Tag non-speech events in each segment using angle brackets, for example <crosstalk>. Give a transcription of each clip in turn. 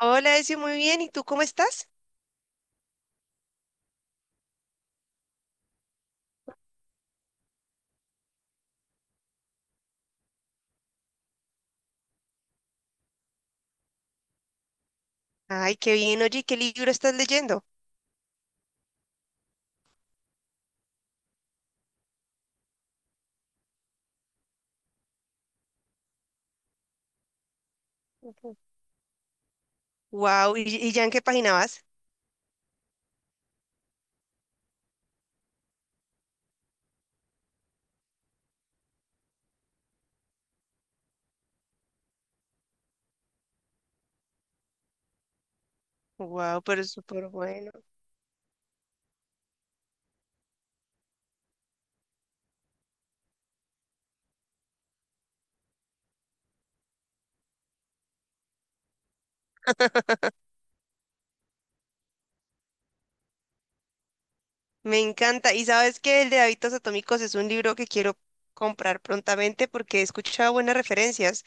Hola, Ezio, muy bien. ¿Y tú cómo estás? Ay, qué bien. Oye, ¿qué libro estás leyendo? Wow, ¿y ya en qué página vas? Wow, pero es súper bueno. Me encanta. Y sabes que el de Hábitos Atómicos es un libro que quiero comprar prontamente porque he escuchado buenas referencias.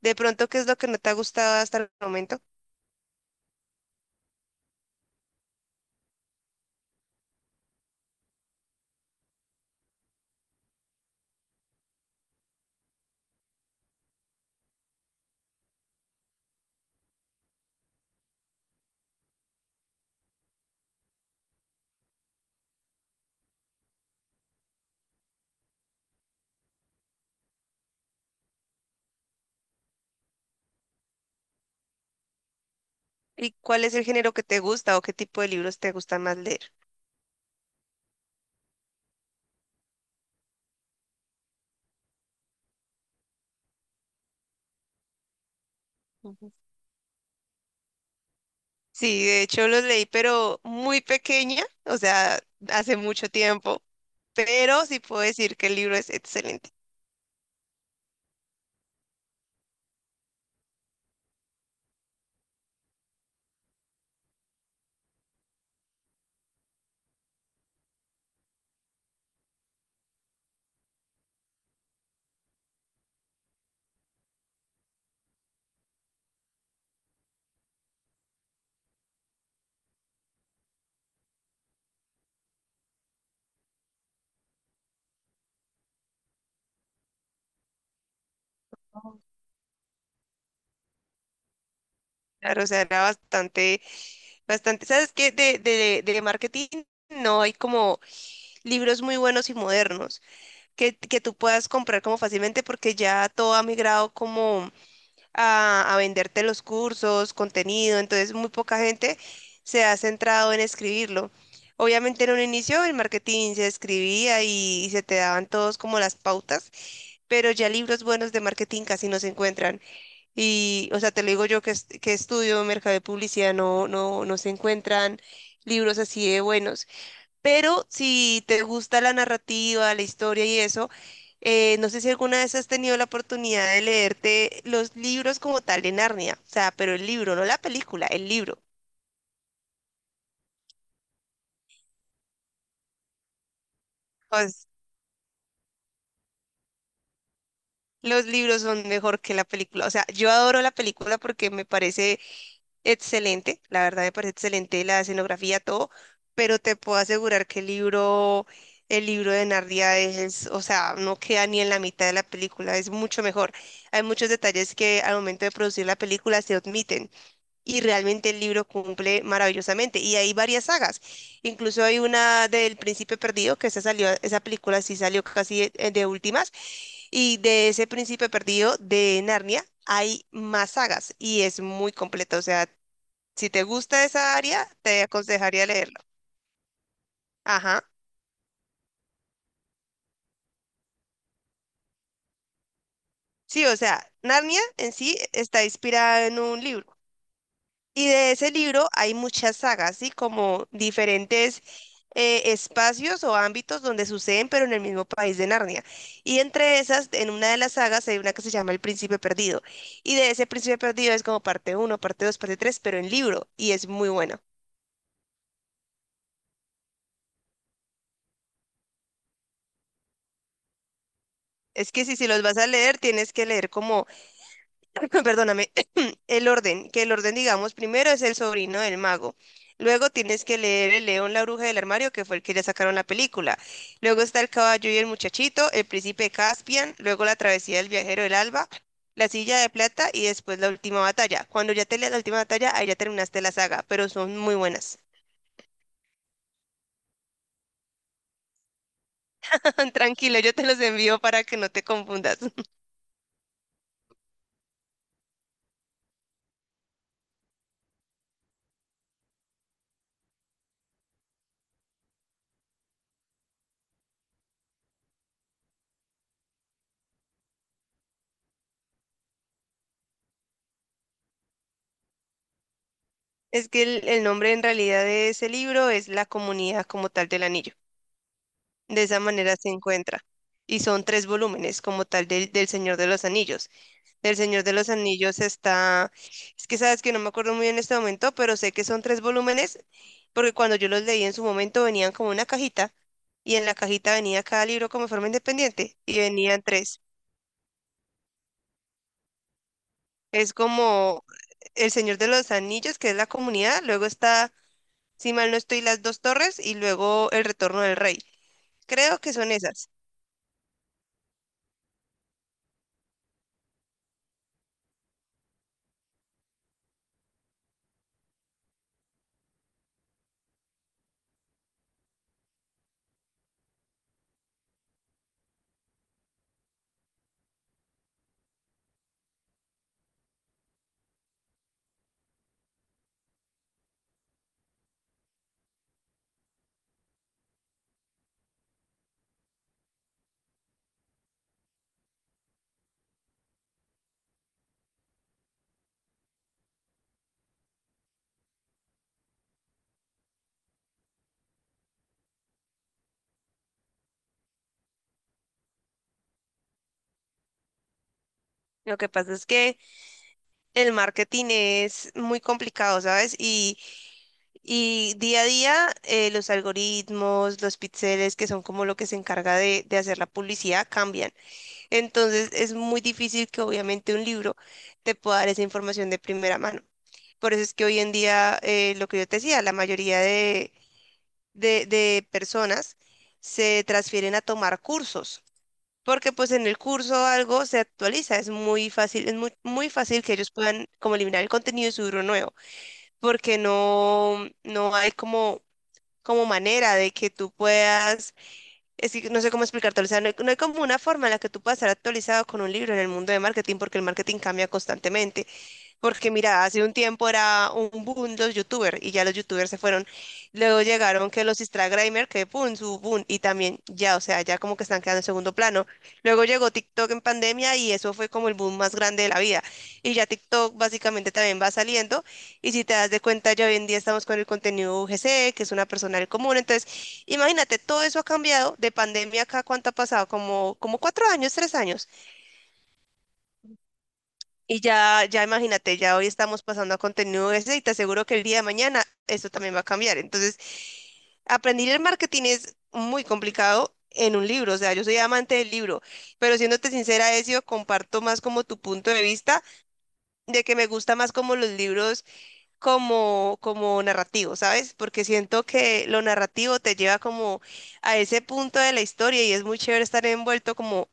De pronto, ¿qué es lo que no te ha gustado hasta el momento? ¿Y cuál es el género que te gusta o qué tipo de libros te gusta más leer? Ujú. Sí, de hecho los leí, pero muy pequeña, o sea, hace mucho tiempo. Pero sí puedo decir que el libro es excelente. Oh, claro, o sea, era bastante, bastante. ¿Sabes qué? De marketing no hay como libros muy buenos y modernos que tú puedas comprar como fácilmente porque ya todo ha migrado como a venderte los cursos, contenido, entonces muy poca gente se ha centrado en escribirlo. Obviamente en un inicio el marketing se escribía y se te daban todos como las pautas, pero ya libros buenos de marketing casi no se encuentran. Y, o sea, te lo digo yo que, que estudio mercado de publicidad, no se encuentran libros así de buenos. Pero si te gusta la narrativa, la historia y eso, no sé si alguna vez has tenido la oportunidad de leerte los libros como tal de Narnia. O sea, pero el libro, no la película, el libro. Pues, los libros son mejor que la película. O sea, yo adoro la película porque me parece excelente, la verdad me parece excelente la escenografía, todo, pero te puedo asegurar que el libro de Narnia es, o sea, no queda ni en la mitad de la película, es mucho mejor. Hay muchos detalles que al momento de producir la película se omiten y realmente el libro cumple maravillosamente. Y hay varias sagas, incluso hay una del Príncipe Perdido, que esa salió, esa película sí salió casi de últimas. Y de ese Príncipe Perdido de Narnia hay más sagas y es muy completa. O sea, si te gusta esa área, te aconsejaría leerlo. Ajá. Sí, o sea, Narnia en sí está inspirada en un libro. Y de ese libro hay muchas sagas, ¿sí? Como diferentes espacios o ámbitos donde suceden, pero en el mismo país de Narnia. Y entre esas, en una de las sagas hay una que se llama El Príncipe Perdido. Y de ese Príncipe Perdido es como parte uno, parte 2, parte 3, pero en libro. Y es muy bueno. Es que si los vas a leer, tienes que leer como, <clears throat> <laughs> perdóname, el orden, que el orden, digamos, primero es El sobrino del mago. Luego tienes que leer El León, la bruja del armario, que fue el que le sacaron la película. Luego está El caballo y el muchachito, El príncipe Caspian, luego La travesía del viajero del alba, La silla de plata y después La última batalla. Cuando ya te leas La última batalla, ahí ya terminaste la saga, pero son muy buenas. <laughs> Tranquilo, yo te los envío para que no te confundas. <laughs> Es que el nombre en realidad de ese libro es La comunidad como tal del anillo. De esa manera se encuentra. Y son tres volúmenes, como tal, del Señor de los Anillos. Del Señor de los Anillos está, es que sabes que no me acuerdo muy bien en este momento, pero sé que son tres volúmenes, porque cuando yo los leí en su momento venían como una cajita, y en la cajita venía cada libro como de forma independiente, y venían tres. Es como El Señor de los Anillos, que es La comunidad, luego está, si mal no estoy, Las Dos Torres, y luego El Retorno del Rey. Creo que son esas. Lo que pasa es que el marketing es muy complicado, ¿sabes? Y día a día los algoritmos, los píxeles, que son como lo que se encarga de hacer la publicidad, cambian. Entonces es muy difícil que obviamente un libro te pueda dar esa información de primera mano. Por eso es que hoy en día, lo que yo te decía, la mayoría de personas se transfieren a tomar cursos porque pues en el curso algo se actualiza, es muy fácil, es muy, muy fácil que ellos puedan como eliminar el contenido y subirlo nuevo, porque no, no hay como, como manera de que tú puedas, es que no sé cómo explicarte, o sea, no hay, no hay como una forma en la que tú puedas estar actualizado con un libro en el mundo de marketing, porque el marketing cambia constantemente porque mira, hace un tiempo era un boom los youtubers y ya los youtubers se fueron. Luego llegaron que los Instagramers, que boom, su boom, y también ya, o sea, ya como que están quedando en segundo plano. Luego llegó TikTok en pandemia y eso fue como el boom más grande de la vida. Y ya TikTok básicamente también va saliendo. Y si te das de cuenta, ya hoy en día estamos con el contenido UGC, que es una persona del común. Entonces, imagínate, todo eso ha cambiado de pandemia acá, ¿cuánto ha pasado? Como, como cuatro años, tres años. Y ya, ya imagínate, ya hoy estamos pasando a contenido ese y te aseguro que el día de mañana eso también va a cambiar. Entonces, aprender el marketing es muy complicado en un libro, o sea, yo soy amante del libro, pero siéndote sincera, Ezio, comparto más como tu punto de vista de que me gusta más como los libros como, como narrativo, ¿sabes? Porque siento que lo narrativo te lleva como a ese punto de la historia y es muy chévere estar envuelto como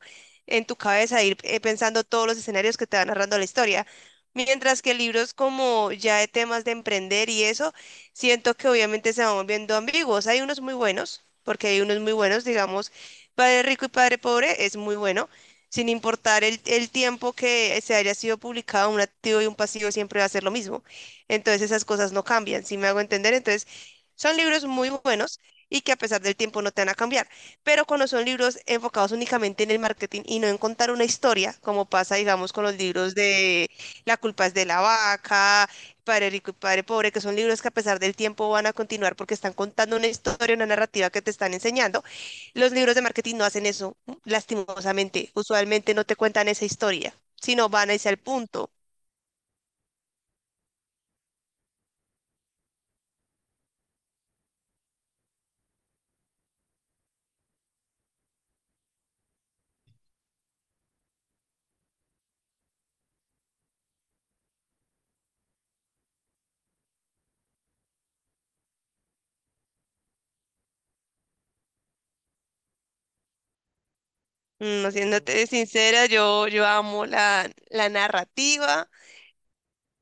en tu cabeza, ir pensando todos los escenarios que te va narrando la historia. Mientras que libros como ya de temas de emprender y eso, siento que obviamente se van volviendo ambiguos. Hay unos muy buenos, porque hay unos muy buenos, digamos, Padre Rico y Padre Pobre es muy bueno. Sin importar el tiempo que se haya sido publicado, un activo y un pasivo siempre va a ser lo mismo. Entonces esas cosas no cambian, si me hago entender. Entonces son libros muy buenos y que a pesar del tiempo no te van a cambiar. Pero cuando son libros enfocados únicamente en el marketing y no en contar una historia, como pasa, digamos, con los libros de La culpa es de la vaca, Padre rico y Padre pobre, que son libros que a pesar del tiempo van a continuar porque están contando una historia, una narrativa que te están enseñando. Los libros de marketing no hacen eso, lastimosamente. Usualmente no te cuentan esa historia, sino van a irse al punto. No, siéndote sincera, yo amo la, la narrativa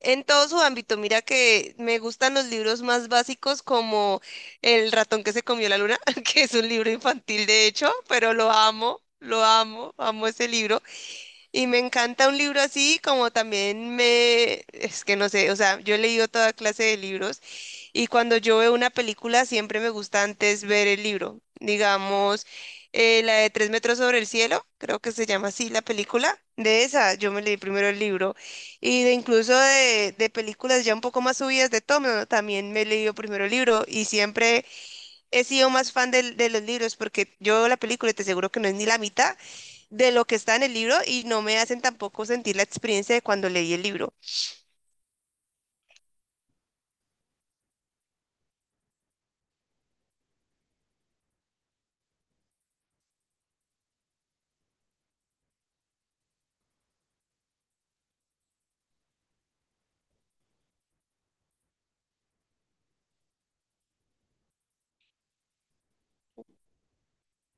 en todo su ámbito. Mira que me gustan los libros más básicos como El ratón que se comió la luna, <laughs> que es un libro infantil de hecho, pero lo amo, amo ese libro. Y me encanta un libro así como también me, es que no sé, o sea, yo he leído toda clase de libros. Y cuando yo veo una película, siempre me gusta antes ver el libro. Digamos, la de Tres metros sobre el cielo, creo que se llama así la película. De esa, yo me leí primero el libro. Y de incluso de películas ya un poco más subidas de tono, también me he leído primero el libro. Y siempre he sido más fan de, los libros, porque yo veo la película y te aseguro que no es ni la mitad de lo que está en el libro y no me hacen tampoco sentir la experiencia de cuando leí el libro.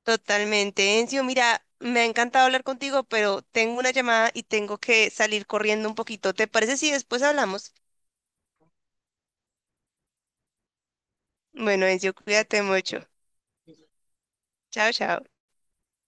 Totalmente, Encio. Mira, me ha encantado hablar contigo, pero tengo una llamada y tengo que salir corriendo un poquito. ¿Te parece si después hablamos? Bueno, Encio, cuídate mucho. Chao, chao.